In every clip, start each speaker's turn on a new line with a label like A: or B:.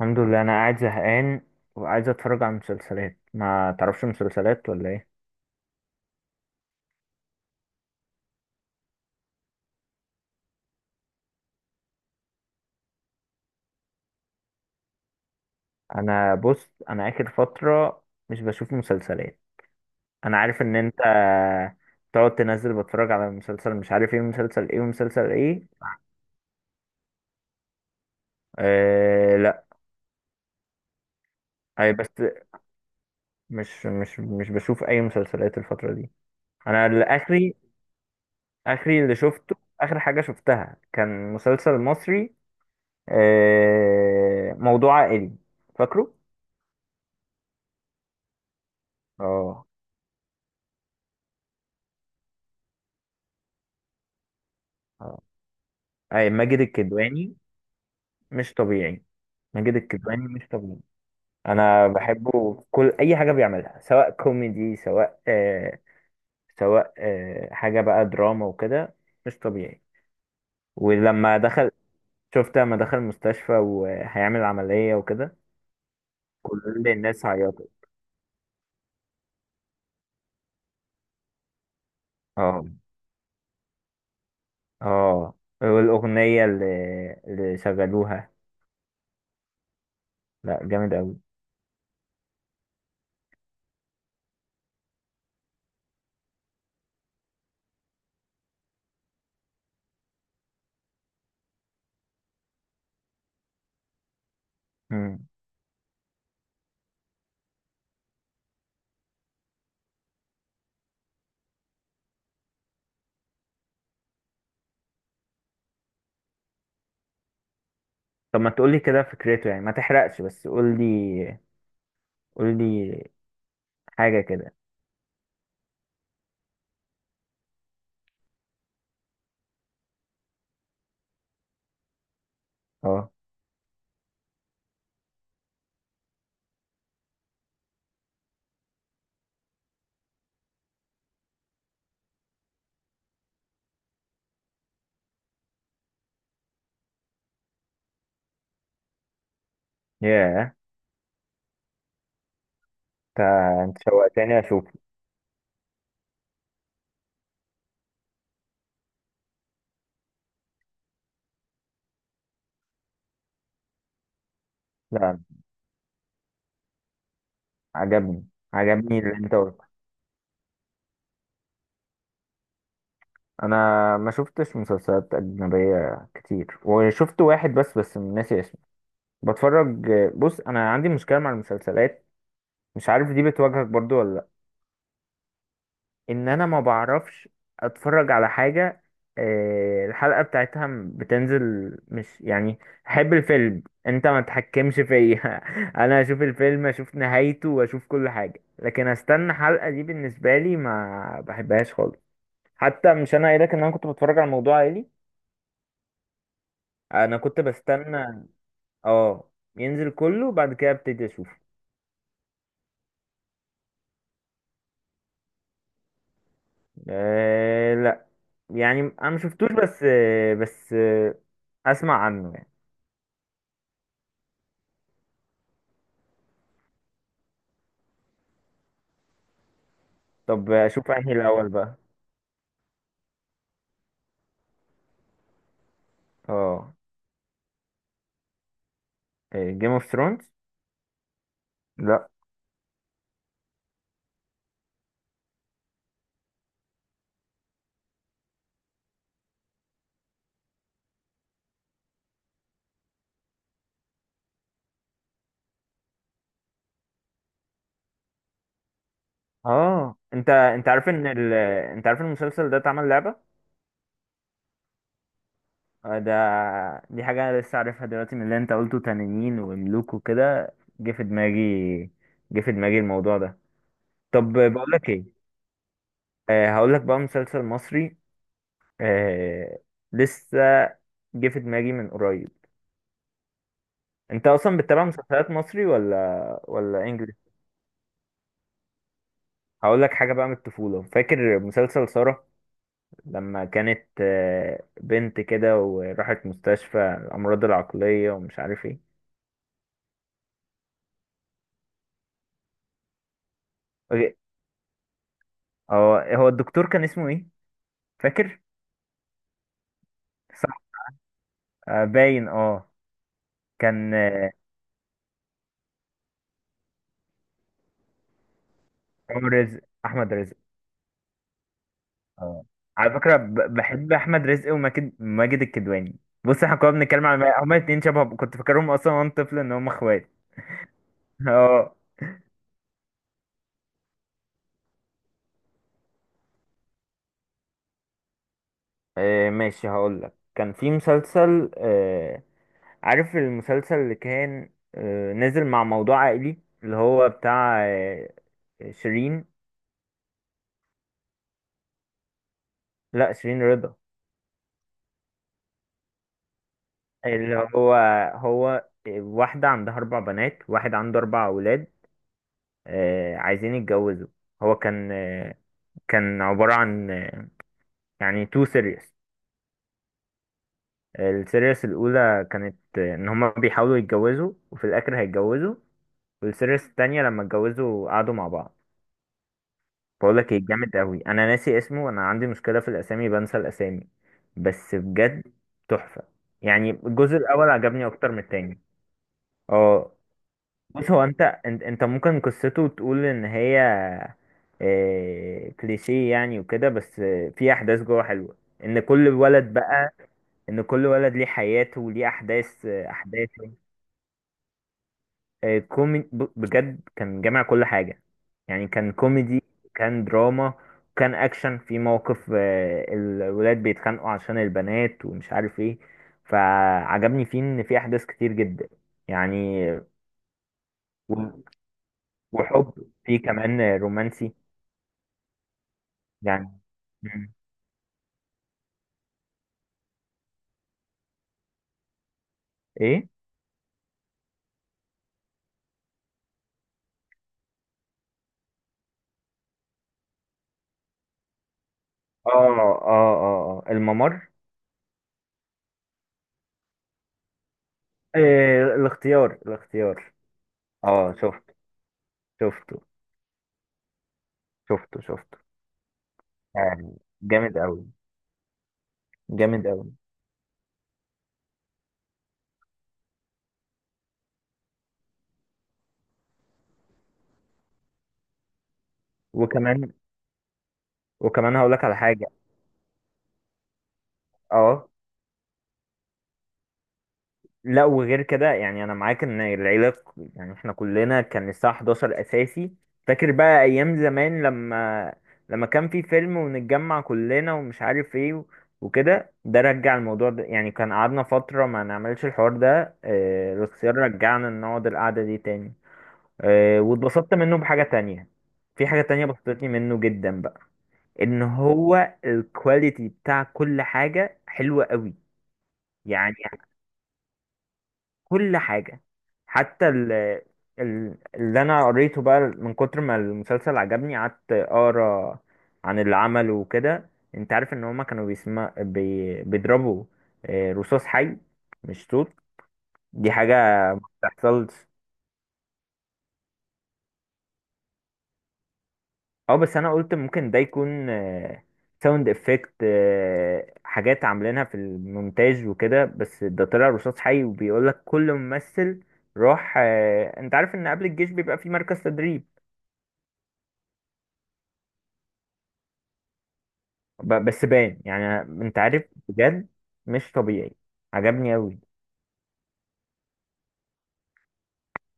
A: الحمد لله. انا قاعد زهقان وعايز اتفرج على مسلسلات. ما تعرفش مسلسلات ولا ايه؟ انا بص انا اخر فتره مش بشوف مسلسلات. انا عارف ان انت تقعد تنزل بتفرج على مسلسل مش عارف ايه، مسلسل ايه ومسلسل ايه. آه، لا. اي بس مش بشوف اي مسلسلات الفتره دي. انا اللي اخري، اللي شفته، اخر حاجه شفتها كان مسلسل مصري. آه، موضوع عائلي. فاكره؟ اه، آه. اي، ماجد الكدواني مش طبيعي. ماجد الكدواني مش طبيعي. انا بحبه في كل اي حاجه بيعملها، سواء كوميدي، سواء حاجه بقى دراما وكده. مش طبيعي. ولما دخل شفت لما دخل المستشفى وهيعمل عمليه وكده، كل الناس عيطت. اه، اه، والاغنيه اللي شغلوها، لا، جامد قوي. مم. طب ما تقولي كده فكرته، يعني ما تحرقش، بس قولي حاجه كده. اه. ياه، انت انت شوقتني اشوفه. لا. عجبني. عجبني اللي انت قلته. انا ما شفتش مسلسلات اجنبيه كتير، وشفت واحد بس ناسي اسمه. بتفرج. بص، انا عندي مشكله مع المسلسلات. مش عارف دي بتواجهك برضو ولا لأ. ان انا ما بعرفش اتفرج على حاجة. الحلقة بتاعتها بتنزل. مش يعني احب الفيلم انت ما تحكمش فيا. انا اشوف الفيلم، اشوف نهايته واشوف كل حاجة، لكن استنى حلقة دي بالنسبة لي ما بحبهاش خالص. حتى مش انا قايل لك ان انا كنت بتفرج على موضوع عائلي، انا كنت بستنى، اه، ينزل كله وبعد كده ابتدي اشوفه. أه، لا، يعني انا ما شفتوش، بس، بس آه، اسمع عنه يعني. طب اشوف انهي الاول بقى؟ اه. جيم اوف ثرونز. لا. اه، انت عارف ان ال... انت عارف ان المسلسل ده اتعمل لعبة؟ آه، ده دي حاجة أنا لسه عارفها دلوقتي من اللي انت قلته، تنانين وملوك وكده. جه في دماغي جه في دماغي الموضوع ده. طب بقول لك ايه. آه، هقول لك بقى مسلسل مصري. آه، لسه جه في دماغي من قريب. انت اصلا بتتابع مسلسلات مصري ولا انجلش؟ هقول لك حاجة بقى من الطفولة. فاكر مسلسل سارة؟ لما كانت بنت كده وراحت مستشفى الأمراض العقلية ومش عارف ايه. أوكي. اه، هو الدكتور كان اسمه ايه؟ فاكر؟ صح. آه، باين. اه. كان هو رزق، أحمد رزق. اه، على فكرة بحب أحمد رزق وماجد، ماجد الكدواني. بص، احنا كنا بنتكلم على هما الاتنين شبه، كنت فاكرهم أصلا وأنا طفل إن هما اخوات. اه. آه، ماشي هقولك كان في مسلسل. عارف المسلسل اللي كان نازل مع موضوع عائلي؟ اللي هو بتاع شيرين. لا، شيرين رضا. اللي هو، هو واحدة عندها أربع بنات، واحد عنده أربع أولاد، عايزين يتجوزوا. هو كان آه، كان عبارة عن يعني تو سيريس. السيريس الأولى كانت إن هما بيحاولوا يتجوزوا وفي الآخر هيتجوزوا. والسيريس التانية لما اتجوزوا قعدوا مع بعض. بقولك ايه، جامد قوي. انا ناسي اسمه. انا عندي مشكله في الاسامي، بنسى الاسامي. بس بجد تحفه. يعني الجزء الاول عجبني اكتر من التاني. اه. بص، هو انت ممكن قصته تقول ان هي كليشيه يعني وكده، بس في احداث جوه حلوه. ان كل ولد بقى ان كل ولد ليه حياته وليه احداث. بجد كان جامع كل حاجة. يعني كان كوميدي، كان دراما، كان أكشن. في موقف الولاد بيتخانقوا عشان البنات ومش عارف ايه. فعجبني فيه إن في أحداث كتير جدا يعني. و- وحب فيه كمان رومانسي يعني. مم. ايه؟ اه، الممر. الاختيار، الاختيار. اه. شفت. شفته شفته يعني. جامد أوي، جامد أوي. وكمان وكمان هقول لك على حاجه. اه لا، وغير كده. يعني انا معاك ان العيله يعني احنا كلنا كان الساعه 11 اساسي. فاكر بقى ايام زمان لما كان في فيلم ونتجمع كلنا ومش عارف ايه وكده. ده رجع الموضوع ده. يعني كان قعدنا فتره ما نعملش الحوار ده. الاختيار رجعنا نقعد القعده دي تاني. واتبسطت منه بحاجه تانية. في حاجه تانية بسطتني منه جدا بقى. ان هو الكواليتي بتاع كل حاجه حلوه قوي. يعني كل حاجة. حتى اللي انا قريته بقى من كتر ما المسلسل عجبني، قعدت اقرا عن اللي عمله وكده. انت عارف ان هما كانوا بيضربوا رصاص حي، مش صوت؟ دي حاجة تحصلش. اه، بس انا قلت ممكن ده يكون ساوند افكت، حاجات عاملينها في المونتاج وكده، بس ده طلع رصاص حي. وبيقولك كل ممثل راح، انت عارف ان قبل الجيش بيبقى في مركز تدريب. بس باين يعني. انت عارف، بجد مش طبيعي. عجبني قوي.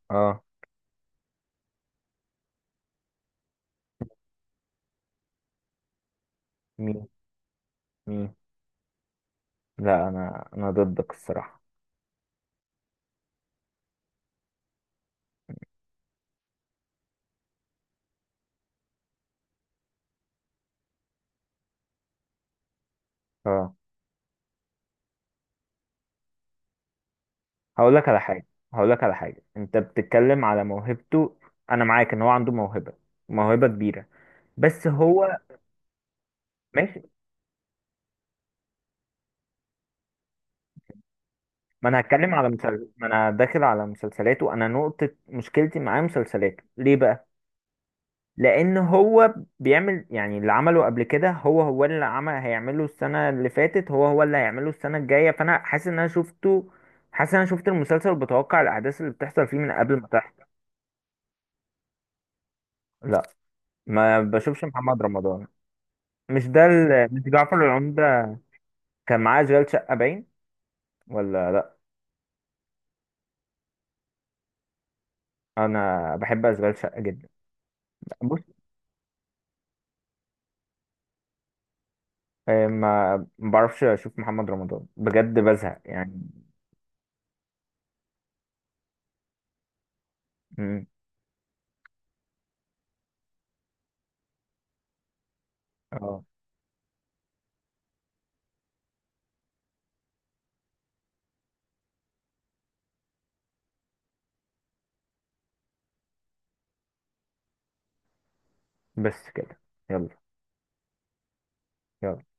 A: اه. مين؟ مين؟ لا، انا ضدك الصراحه. اه، هقول لك على حاجه. انت بتتكلم على موهبته. انا معاك ان هو عنده موهبه، موهبه كبيره. بس هو. ماشي. ما انا هتكلم على مسلسل، ما انا داخل على مسلسلاته. انا نقطه مشكلتي معاه مسلسلاته، ليه بقى؟ لان هو بيعمل يعني، اللي عمله قبل كده هو اللي عمل، هيعمله السنه اللي فاتت، هو اللي هيعمله السنه الجايه. فانا حاسس ان انا شفته. حاسس ان انا شفت المسلسل، بتوقع الاحداث اللي بتحصل فيه من قبل ما تحصل. لا، ما بشوفش محمد رمضان. مش ده ال... مش جعفر العمدة. كان معاه اشغال شقه، باين ولا لا. انا بحب اشغال شقه جدا. بص، ما بعرفش اشوف محمد رمضان بجد، بزهق يعني. مم. اه. بس كده. يلا، يلا.